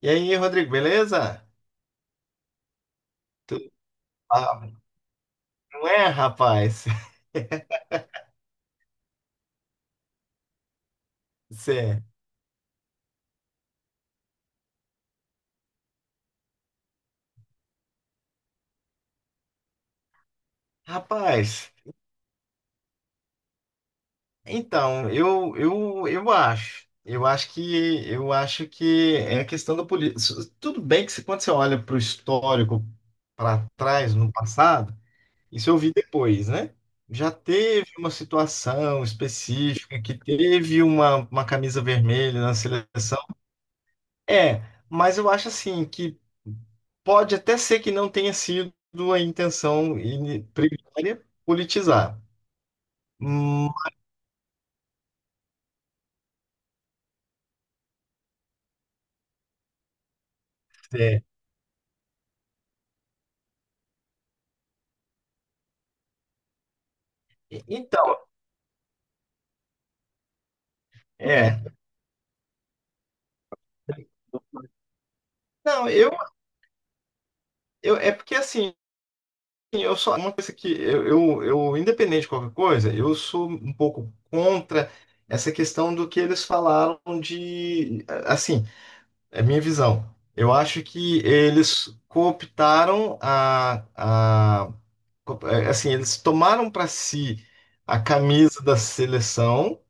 E aí, Rodrigo, beleza? Tu... Ah, não é, rapaz? Cê... é. Rapaz, então, eu acho. Eu acho que é a questão da política. Tudo bem que quando você olha para o histórico para trás, no passado, isso eu vi depois, né? Já teve uma situação específica que teve uma camisa vermelha na seleção. É, mas eu acho assim que pode até ser que não tenha sido a primária politizar. Hum, é. Então, é. Não, eu é porque assim, eu só uma coisa que independente de qualquer coisa, eu sou um pouco contra essa questão do que eles falaram de assim, é a minha visão. Eu acho que eles cooptaram a, é, assim, eles tomaram para si a camisa da seleção,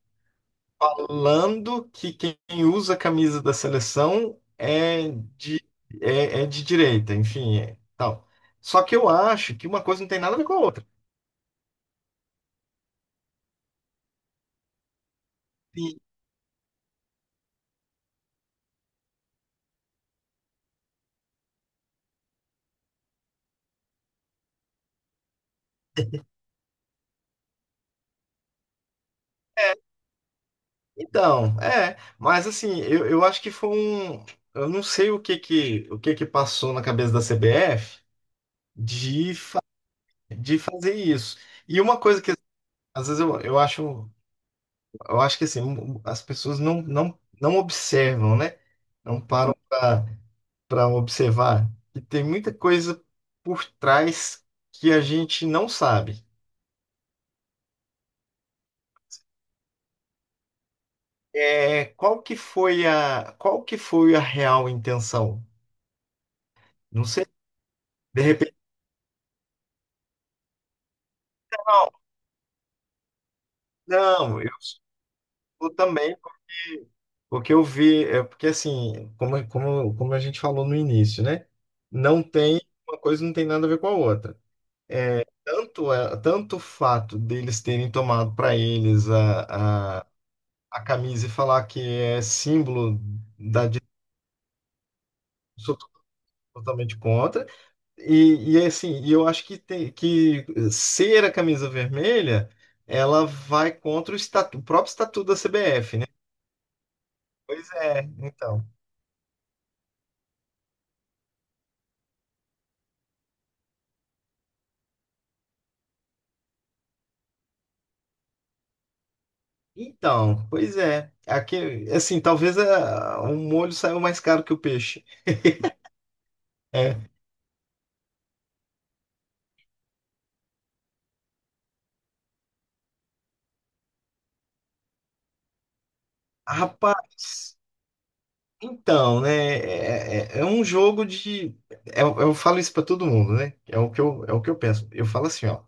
falando que quem usa a camisa da seleção de, é de direita, enfim, é, tal. Só que eu acho que uma coisa não tem nada a ver com a outra. Sim, é. Então, é, mas assim, eu acho que foi um. Eu não sei o que que passou na cabeça da CBF de, fa- de fazer isso. E uma coisa que às vezes Eu acho que assim, as pessoas não observam, né? Não param para observar. E tem muita coisa por trás que a gente não sabe. É, qual que foi a real intenção? Não sei. De repente, não, não, eu sou também, porque eu vi, é, porque assim, como a gente falou no início, né? Não tem, uma coisa não tem nada a ver com a outra. Tanto o fato deles terem tomado para eles a camisa e falar que é símbolo da direita, eu sou totalmente contra. E eu acho que, tem, que ser a camisa vermelha, ela vai contra o próprio estatuto da CBF, né? Pois é, então. Então, pois é. Aqui, assim, talvez a, o molho saiu mais caro que o peixe. É. Rapaz. Então, né, é um jogo de. Eu falo isso pra todo mundo, né? É o que eu, é o que eu penso. Eu falo assim, ó.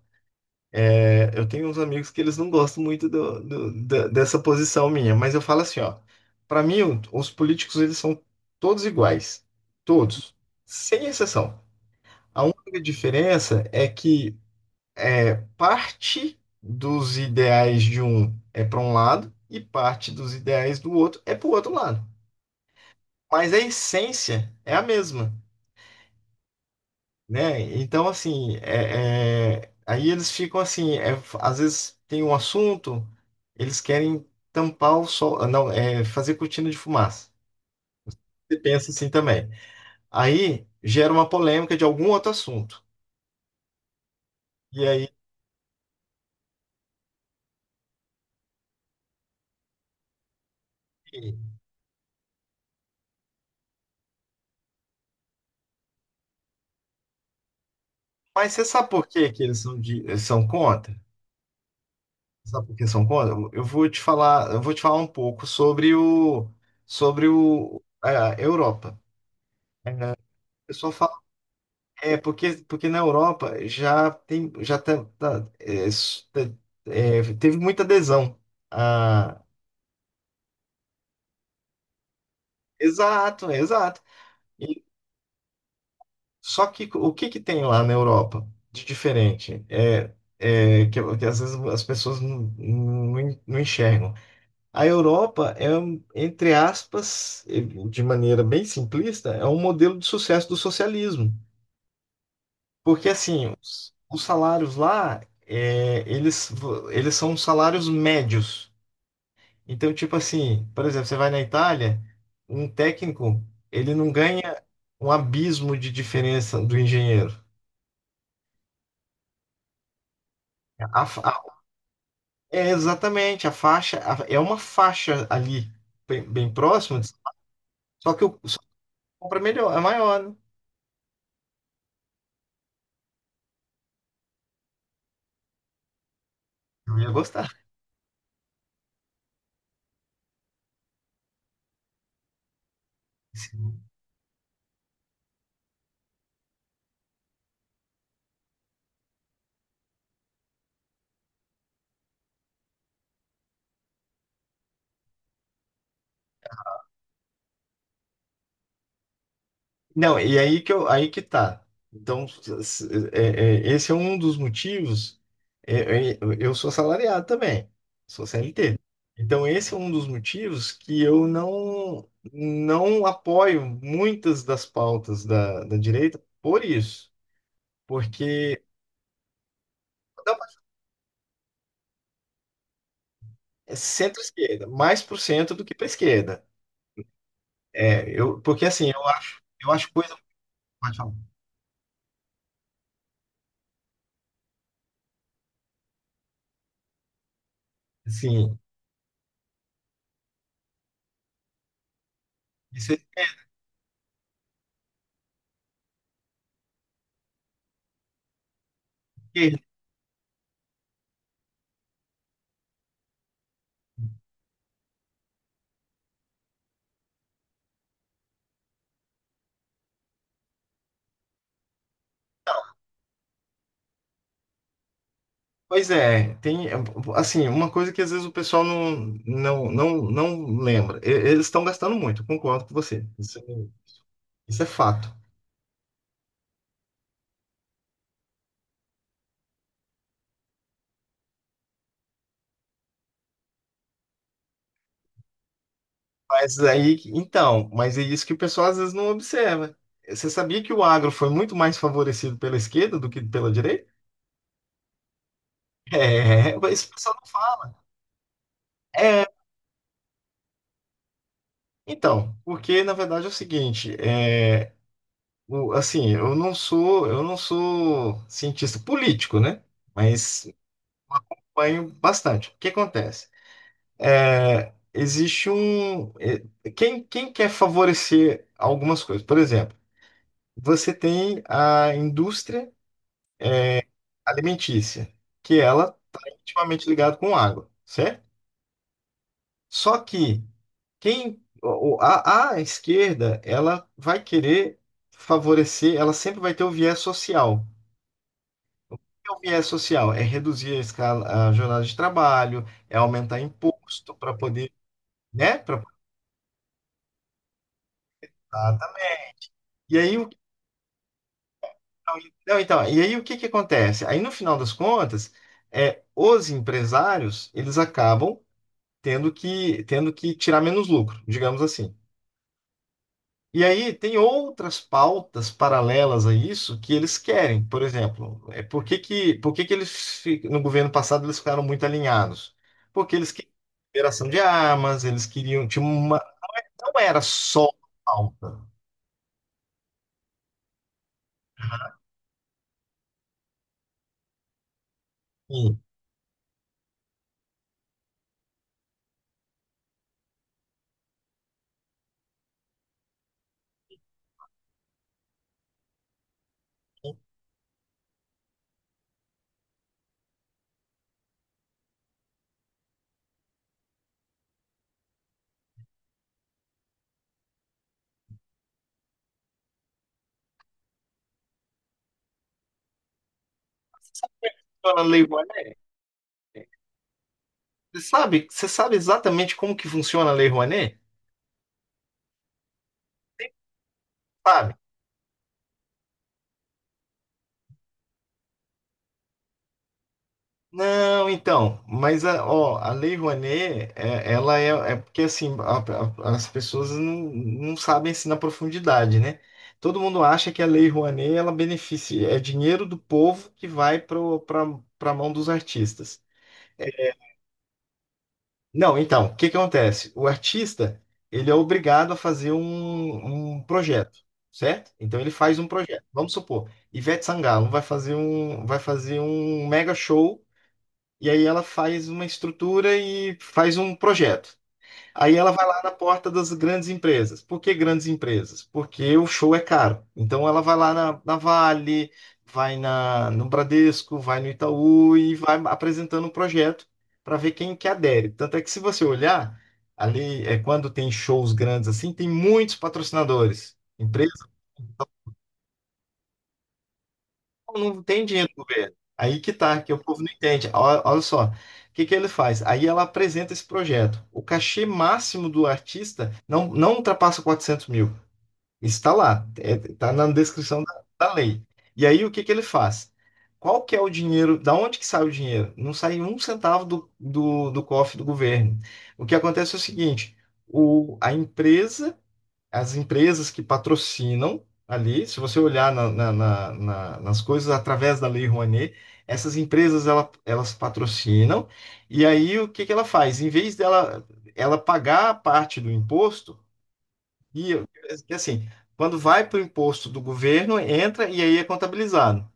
É, eu tenho uns amigos que eles não gostam muito dessa posição minha, mas eu falo assim, ó. Pra mim, os políticos, eles são todos iguais. Todos. Sem exceção. A única diferença é que é, parte dos ideais de um é para um lado e parte dos ideais do outro é para o outro lado. Mas a essência é a mesma. Né? Então, assim, aí eles ficam assim, às vezes tem um assunto, eles querem tampar o sol, ah, não, é, fazer cortina de fumaça. Você pensa assim também. Aí gera uma polêmica de algum outro assunto. E aí, mas você sabe por que que eles são, de, são contra? Sabe por que são contra? Eu vou te falar, eu vou te falar um pouco sobre o, sobre o, a Europa. É, o pessoal fala. É, porque na Europa já tem, já tá, tá, é, s- tá, é, teve muita adesão. Ah, exato, exato. E, só que o que que tem lá na Europa de diferente? É, é que às vezes as pessoas não enxergam. A Europa é, um, entre aspas, eh, de maneira bem simplista, é um modelo de sucesso do socialismo. Porque assim, os salários lá, é, eles são salários médios. Então, tipo assim, por exemplo, você vai na Itália, um técnico, ele não ganha um abismo de diferença do engenheiro. A fa- é exatamente, é uma faixa ali, bem, bem próxima, só que o só que compra melhor, é maior, né? Eu ia gostar. Não, aí que tá. Então, esse é um dos motivos. Eu sou assalariado também, sou CLT. Então, esse é um dos motivos que eu não apoio muitas das pautas da direita por isso. Porque não, é centro-esquerda, mais pro centro do que para esquerda. É, eu, porque assim, eu acho coisa. Pode falar. Assim, isso é. Pois é, tem assim, uma coisa que às vezes o pessoal não lembra. Eles estão gastando muito, concordo com você. Isso, isso é fato. Mas aí, então, mas é isso que o pessoal às vezes não observa. Você sabia que o agro foi muito mais favorecido pela esquerda do que pela direita? É, mas isso o pessoal não fala. É, então, porque na verdade é o seguinte, é, o, assim, eu não sou cientista político, né? Mas acompanho bastante. O que acontece? É, existe um. É, quem quer favorecer algumas coisas? Por exemplo, você tem a indústria alimentícia, que ela é intimamente ligada com água, certo? Só que a esquerda, ela vai querer favorecer, ela sempre vai ter o viés social. O que é o viés social? É reduzir a escala, a jornada de trabalho, é aumentar imposto para poder, né? E aí, o. Não, então, e aí o que que acontece? Aí no final das contas, é, os empresários, eles acabam tendo que tirar menos lucro, digamos assim. E aí tem outras pautas paralelas a isso que eles querem. Por exemplo, é, por que que eles, no governo passado, eles ficaram muito alinhados? Porque eles queriam liberação de armas, eles queriam, tinha uma, não era só pauta. Sim. Então, a Lei Rouanet, você sabe exatamente como que funciona a Lei Rouanet? Sabe? Não, então, mas a, ó, a Lei Rouanet, é, ela é, é porque assim, as pessoas não sabem assim na profundidade, né? Todo mundo acha que a Lei Rouanet, ela beneficia, é dinheiro do povo que vai para a mão dos artistas. É, não, então, o que que acontece? O artista, ele é obrigado a fazer um projeto, certo? Então ele faz um projeto. Vamos supor, Ivete Sangalo vai fazer um mega show. E aí ela faz uma estrutura e faz um projeto. Aí ela vai lá na porta das grandes empresas. Por que grandes empresas? Porque o show é caro. Então ela vai na Vale, no Bradesco, vai no Itaú e vai apresentando um projeto para ver quem que adere. Tanto é que se você olhar, ali é quando tem shows grandes assim, tem muitos patrocinadores. Não tem dinheiro do governo. Aí que tá, que o povo não entende. Olha só, o que que ele faz? Aí ela apresenta esse projeto. O cachê máximo do artista não ultrapassa 400 mil. Isso está lá, está na descrição da lei. E aí o que que ele faz? Qual que é o dinheiro? Da onde que sai o dinheiro? Não sai um centavo do cofre do governo. O que acontece é o seguinte: o, a empresa as empresas que patrocinam ali, se você olhar nas coisas através da Lei Rouanet, essas empresas elas patrocinam, e aí o que que ela faz? Em vez dela ela pagar a parte do imposto, e e assim, quando vai para o imposto do governo, entra e aí é contabilizado.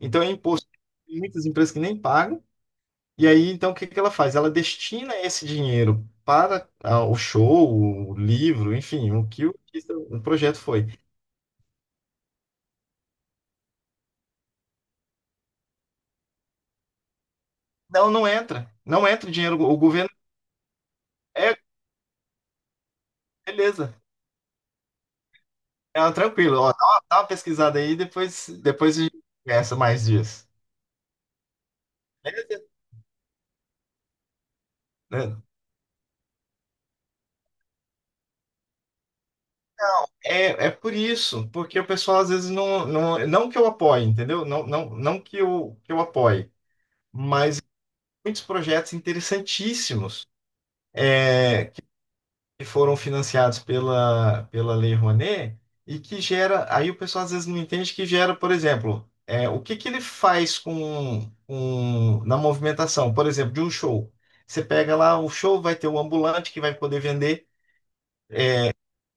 Então é imposto, tem muitas empresas que nem pagam, e aí então o que que ela faz? Ela destina esse dinheiro para ah, o show, o livro, enfim, o que o projeto foi. Não, não entra. Não entra o dinheiro. O governo. É, beleza. É, tranquilo. Ó, dá uma pesquisada aí, depois, depois a gente conversa mais disso. Beleza? Né? É, é por isso, porque o pessoal às vezes não que eu apoie, entendeu? Não que que eu apoie, mas muitos projetos interessantíssimos. É, que foram financiados pela Lei Rouanet e que gera, aí o pessoal às vezes não entende que gera, por exemplo, é, o que que ele faz na movimentação, por exemplo, de um show. Você pega lá o show, vai ter o ambulante que vai poder vender,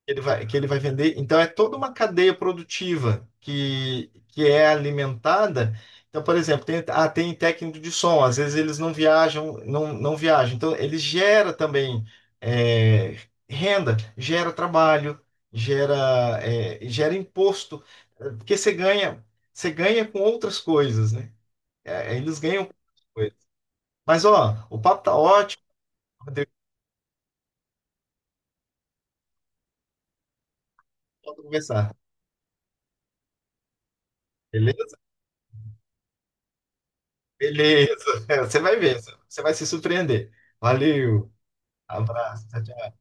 ele vai, que ele vai vender. Então, é toda uma cadeia produtiva que é alimentada. Então, por exemplo, tem, ah, tem técnico de som, às vezes eles não viajam, não viajam. Então, ele gera também é, renda, gera trabalho, gera, é, gera imposto, é, porque você ganha com outras coisas, né? É, eles ganham com outras coisas. Mas, ó, o papo tá ótimo, Rodrigo, pode conversar. Beleza? Beleza. Você vai ver. Você vai se surpreender. Valeu. Abraço. Tchau, tchau.